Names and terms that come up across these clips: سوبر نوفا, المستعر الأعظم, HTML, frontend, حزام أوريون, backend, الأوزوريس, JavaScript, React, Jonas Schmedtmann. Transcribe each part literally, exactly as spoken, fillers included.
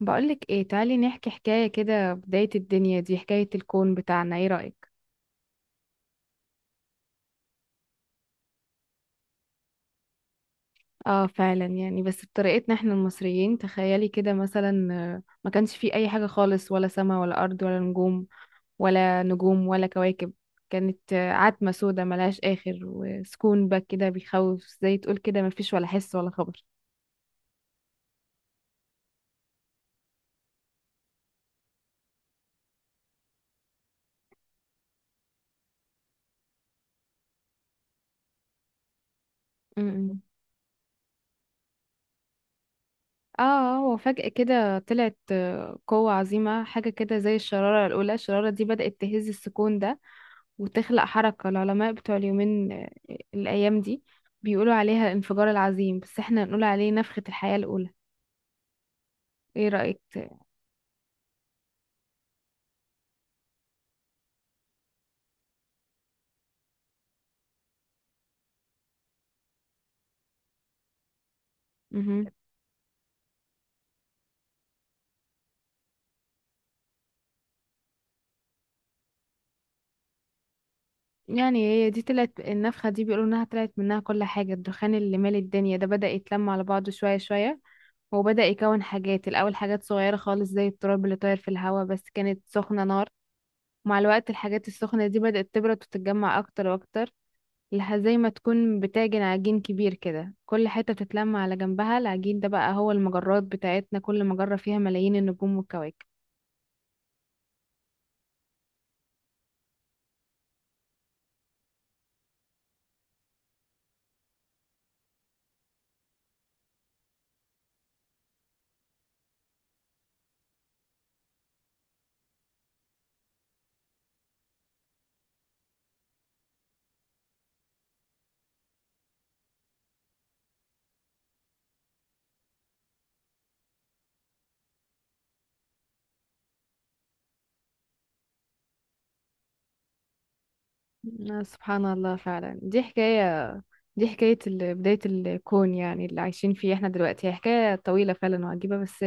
بقولك ايه تعالي نحكي حكاية كده، بداية الدنيا دي حكاية الكون بتاعنا، ايه رأيك؟ اه فعلا، يعني بس بطريقتنا احنا المصريين، تخيلي كده مثلا آه، ما كانش فيه اي حاجة خالص، ولا سما ولا ارض ولا نجوم ولا نجوم ولا كواكب. كانت آه، عتمة سودة ملهاش اخر، وسكون بقى كده بيخوف، زي تقول كده ما فيش ولا حس ولا خبر. امم. اه، وفجأة كده طلعت آه، قوة عظيمة، حاجة كده زي الشرارة الأولى. الشرارة دي بدأت تهز السكون ده وتخلق حركة. العلماء بتوع اليومين آه، الأيام دي بيقولوا عليها الانفجار العظيم، بس احنا نقول عليه نفخة الحياة الأولى. ايه رأيك؟ مهم. يعني هي دي، طلعت النفخة دي بيقولوا انها طلعت منها كل حاجة. الدخان اللي مال الدنيا ده بدأ يتلم على بعضه شوية شوية، وبدأ يكون حاجات. الأول حاجات صغيرة خالص زي التراب اللي طاير في الهواء، بس كانت سخنة نار. مع الوقت الحاجات السخنة دي بدأت تبرد وتتجمع أكتر وأكتر، لح- زي ما تكون بتعجن عجين كبير كده، كل حتة بتتلم على جنبها. العجين ده بقى هو المجرات بتاعتنا، كل مجرة فيها ملايين النجوم والكواكب. آه، سبحان الله فعلا. دي حكاية دي حكاية ال- بداية الكون، يعني اللي عايشين فيه احنا دلوقتي، هي حكاية طويلة فعلا وعجيبة، بس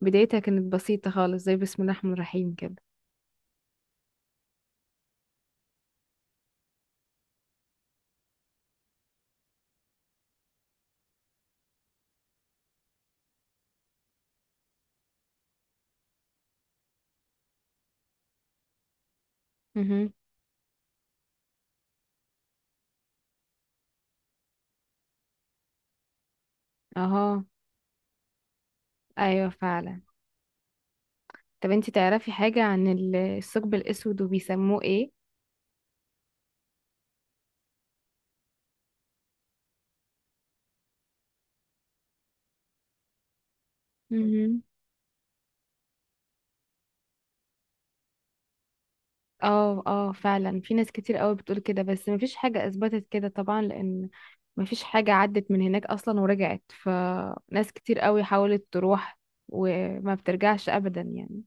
بدايتها كانت بسيطة خالص، زي بسم الله الرحمن الرحيم كده. مهم. اهو. ايوه فعلا. طب انتي تعرفي حاجة عن ال- الثقب الأسود وبيسموه ايه؟ مهم. اه اه فعلا، في ناس كتير قوي بتقول كده، بس مفيش حاجة اثبتت كده طبعا، لان مفيش حاجة عدت من هناك اصلا ورجعت، فناس كتير قوي حاولت تروح وما بترجعش ابدا يعني.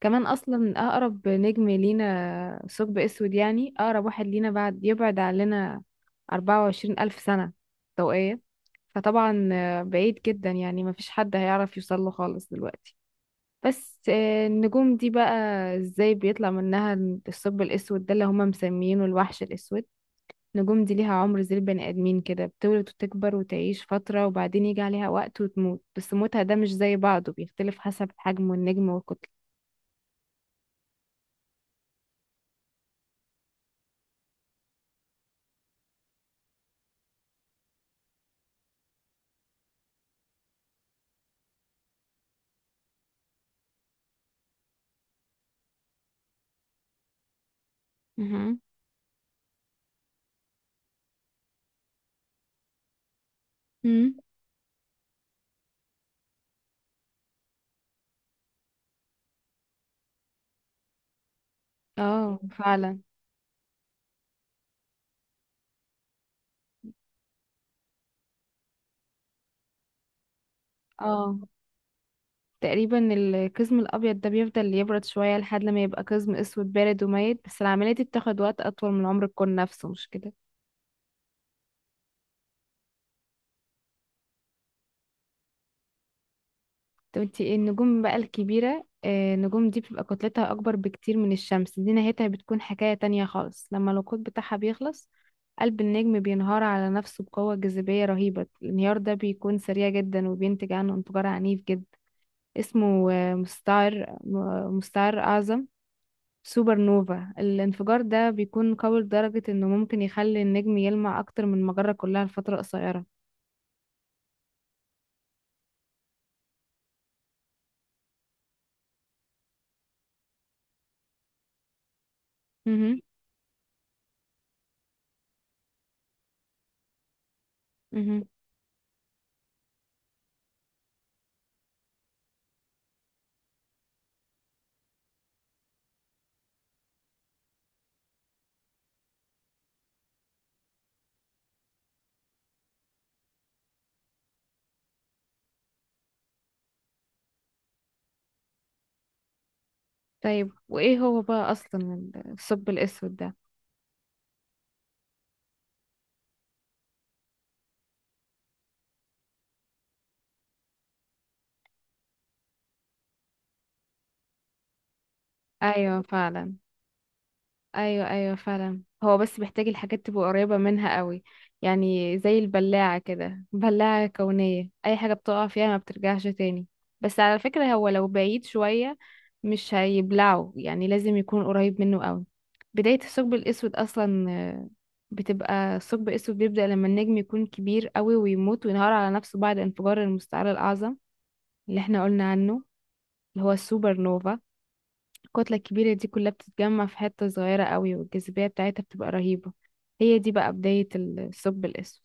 كمان اصلا اقرب نجم لينا ثقب اسود، يعني اقرب واحد لينا، بعد يبعد عننا اربعة وعشرين الف سنة ضوئية. فطبعا آه، بعيد جدا، يعني مفيش حد هيعرف يوصل له خالص دلوقتي. بس آه، النجوم دي بقى ازاي بيطلع منها الثقب الاسود ده اللي هما مسميينه الوحش الاسود؟ النجوم دي ليها عمر زي البني ادمين كده، بتولد وتكبر وتعيش فترة، وبعدين يجي عليها وقت وتموت، بس موتها ده مش زي بعضه، بيختلف حسب حجم النجم والكتلة. مهم. مم. اه فعلا. اه، تقريبا القزم الابيض ده بيفضل يبرد شوية لحد ما يبقى قزم اسود بارد وميت، بس العملية دي بتاخد وقت اطول من عمر الكون نفسه، مش كده؟ طب انتي، ايه النجوم بقى الكبيرة؟ آه، النجوم دي بتبقى كتلتها أكبر بكتير من الشمس، دي نهايتها بتكون حكاية تانية خالص. لما الوقود بتاعها بيخلص، قلب النجم بينهار على نفسه بقوة جاذبية رهيبة. الانهيار ده بيكون سريع جدا، وبينتج عنه انفجار عنيف جدا اسمه آه، مستعر م- مستعر أعظم، سوبر نوفا. الانفجار ده بيكون قوي لدرجة انه ممكن يخلي النجم يلمع أكتر من المجرة كلها لفترة قصيرة. مهم. مهم. طيب، وإيه هو بقى أصلا الثقب الأسود ده؟ ايوه فعلا. ايوه ايوه فعلا، هو بس محتاج الحاجات تبقى قريبه منها قوي، يعني زي البلاعه كده، بلاعه كونيه، اي حاجه بتقع فيها ما بترجعش تاني. بس على فكره، هو لو بعيد شويه مش هيبلعه، يعني لازم يكون قريب منه قوي. بدايه الثقب الاسود اصلا آه، بتبقى، الثقب الاسود بيبدا لما النجم يكون كبير قوي ويموت وينهار على نفسه بعد انفجار المستعر الاعظم اللي احنا قلنا عنه، اللي هو السوبر نوفا. الكتلة الكبيرة دي كلها بتتجمع في حتة صغيرة قوي، والجاذبية بتاعتها بتبقى رهيبة. هي دي بقى بداية الثقب الأسود.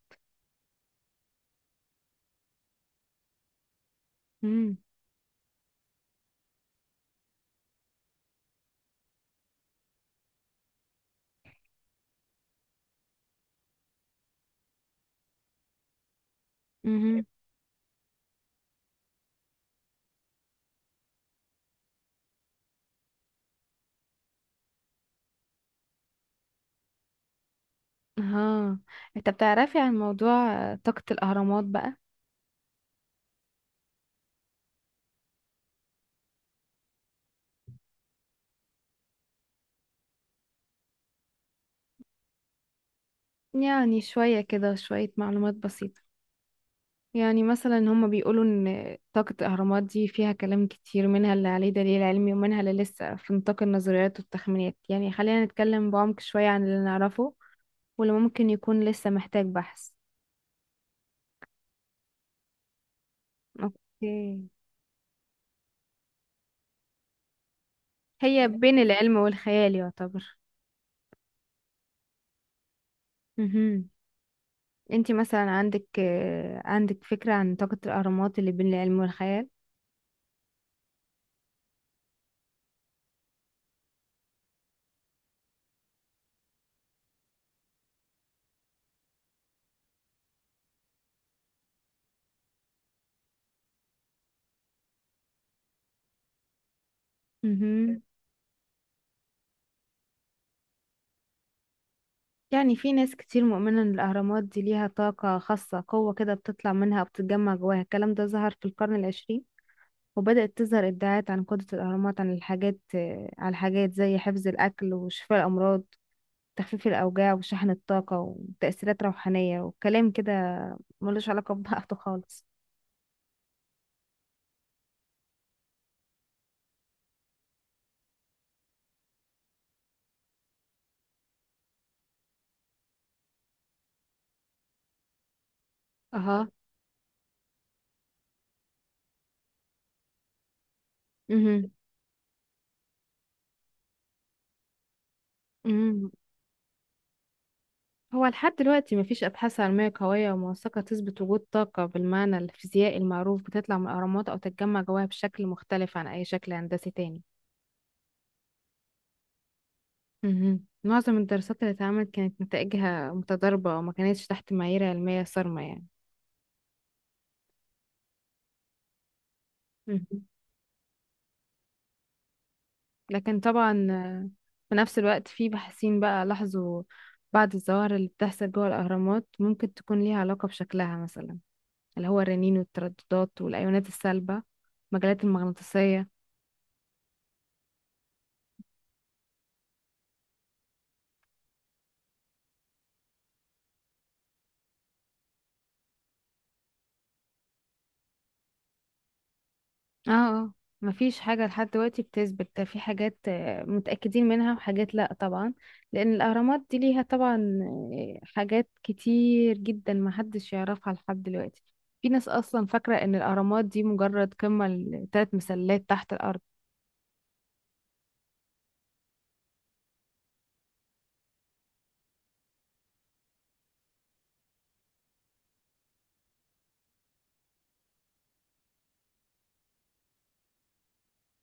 امم. امم. ها، انت بتعرفي عن موضوع آه، طاقة الأهرامات بقى؟ يعني شوية كده، شوية معلومات بسيطة. يعني مثلا هما بيقولوا ان طاقة الأهرامات دي فيها كلام كتير، منها اللي عليه دليل علمي ومنها اللي لسه في نطاق النظريات والتخمينات. يعني خلينا نتكلم بعمق شوية عن اللي نعرفه واللي ممكن يكون لسه محتاج بحث. اوكي. هي بين العلم والخيال يعتبر. مهم. انتي مثلا عندك آه، عندك فكرة عن طاقة الأهرامات اللي بين العلم والخيال؟ مهم. يعني في ناس كتير مؤمنة إن الأهرامات دي ليها طاقة خاصة، قوة كده بتطلع منها وبتتجمع جواها. الكلام ده ظهر في القرن العشرين، وبدأت تظهر ادعاءات عن قدرة الأهرامات عن الحاجات آه، على الحاجات زي حفظ الأكل وشفاء الأمراض، تخفيف الأوجاع وشحن الطاقة وتأثيرات روحانية، وكلام كده ملوش علاقة ببعضه خالص. اها. مهم. مم. هو لحد دلوقتي مفيش أبحاث علمية قوية وموثقة تثبت وجود طاقة بالمعنى الفيزيائي المعروف بتطلع من الأهرامات أو تتجمع جواها بشكل مختلف عن أي شكل هندسي تاني. مهم. معظم الدراسات اللي اتعملت كانت نتائجها متضاربة، وما كانتش تحت معايير علمية صارمة يعني. مهم. لكن طبعا آه، في نفس الوقت في باحثين بقى لاحظوا بعض الظواهر اللي بتحصل جوه الأهرامات، ممكن تكون ليها علاقة بشكلها مثلا، اللي هو الرنين والترددات والأيونات السالبة، المجالات المغناطيسية. اه اه، مفيش حاجة لحد دلوقتي بتثبت ده. في حاجات آه، متأكدين منها، وحاجات لأ طبعا، لأن الأهرامات دي ليها طبعا آه، حاجات كتير جدا محدش يعرفها لحد دلوقتي. في ناس أصلا فاكرة إن الأهرامات دي مجرد قمة لتلات مسلات تحت الأرض.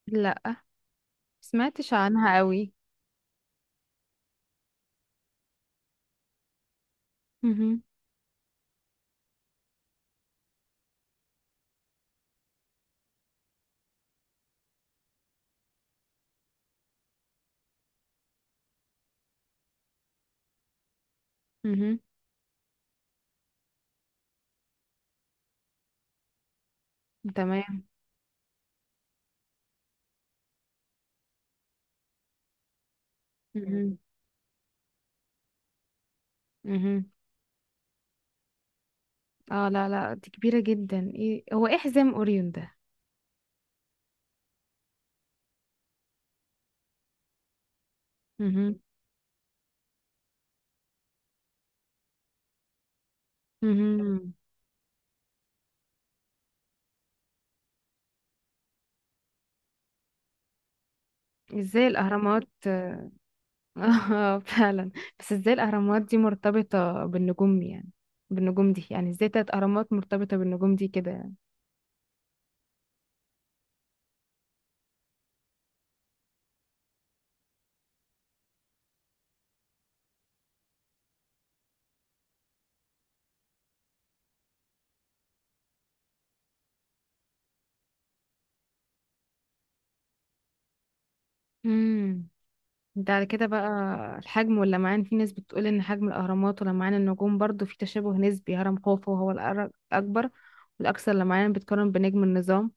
لأ، مسمعتش عنها قوي. مهم. مهم. تمام. مهم. مهم. اه لا لا، دي كبيرة جدا. ايه هو، ايه حزام أوريون ده؟ مهم. مهم. ازاي الأهرامات؟ اه فعلا. بس ازاي الاهرامات دي مرتبطة بالنجوم يعني، بالنجوم دي؟ يعني ازاي تلات اهرامات مرتبطة بالنجوم دي كده يعني؟ امم. ده على كده بقى، الحجم واللمعان، في ناس بتقول ان حجم الاهرامات ولمعان النجوم برضو في تشابه نسبي. هرم خوفو هو الأر- الاكبر والاكثر لمعان، بيتقارن بنجم النظام.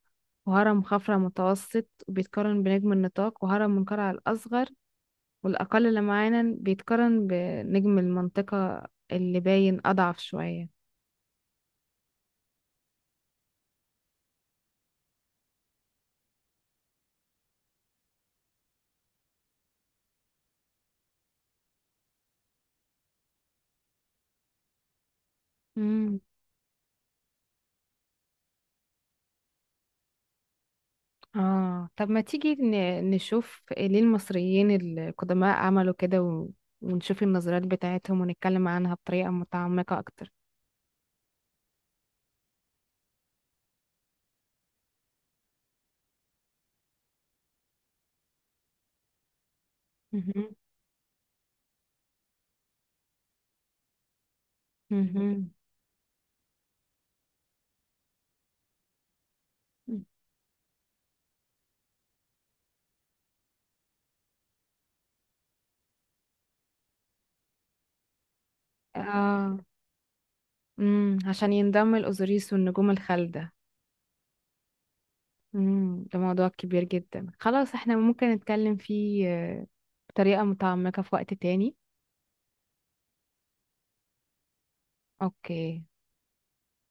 وهرم خفرع متوسط بيتقارن بنجم النطاق. وهرم منقرع الاصغر والاقل لمعانا بيتقارن بنجم المنطقة اللي باين اضعف شوية. اه، طب ما تيجي ن- نشوف ليه المصريين القدماء عملوا كده و- ونشوف النظريات بتاعتهم ونتكلم عنها بطريقة متعمقة أكتر. مهم. مهم. اه. امم، عشان ينضم الأوزوريس والنجوم الخالدة. امم، ده موضوع كبير جدا خلاص، احنا ممكن نتكلم فيه آه، بطريقة متعمقة في وقت تاني. اوكي.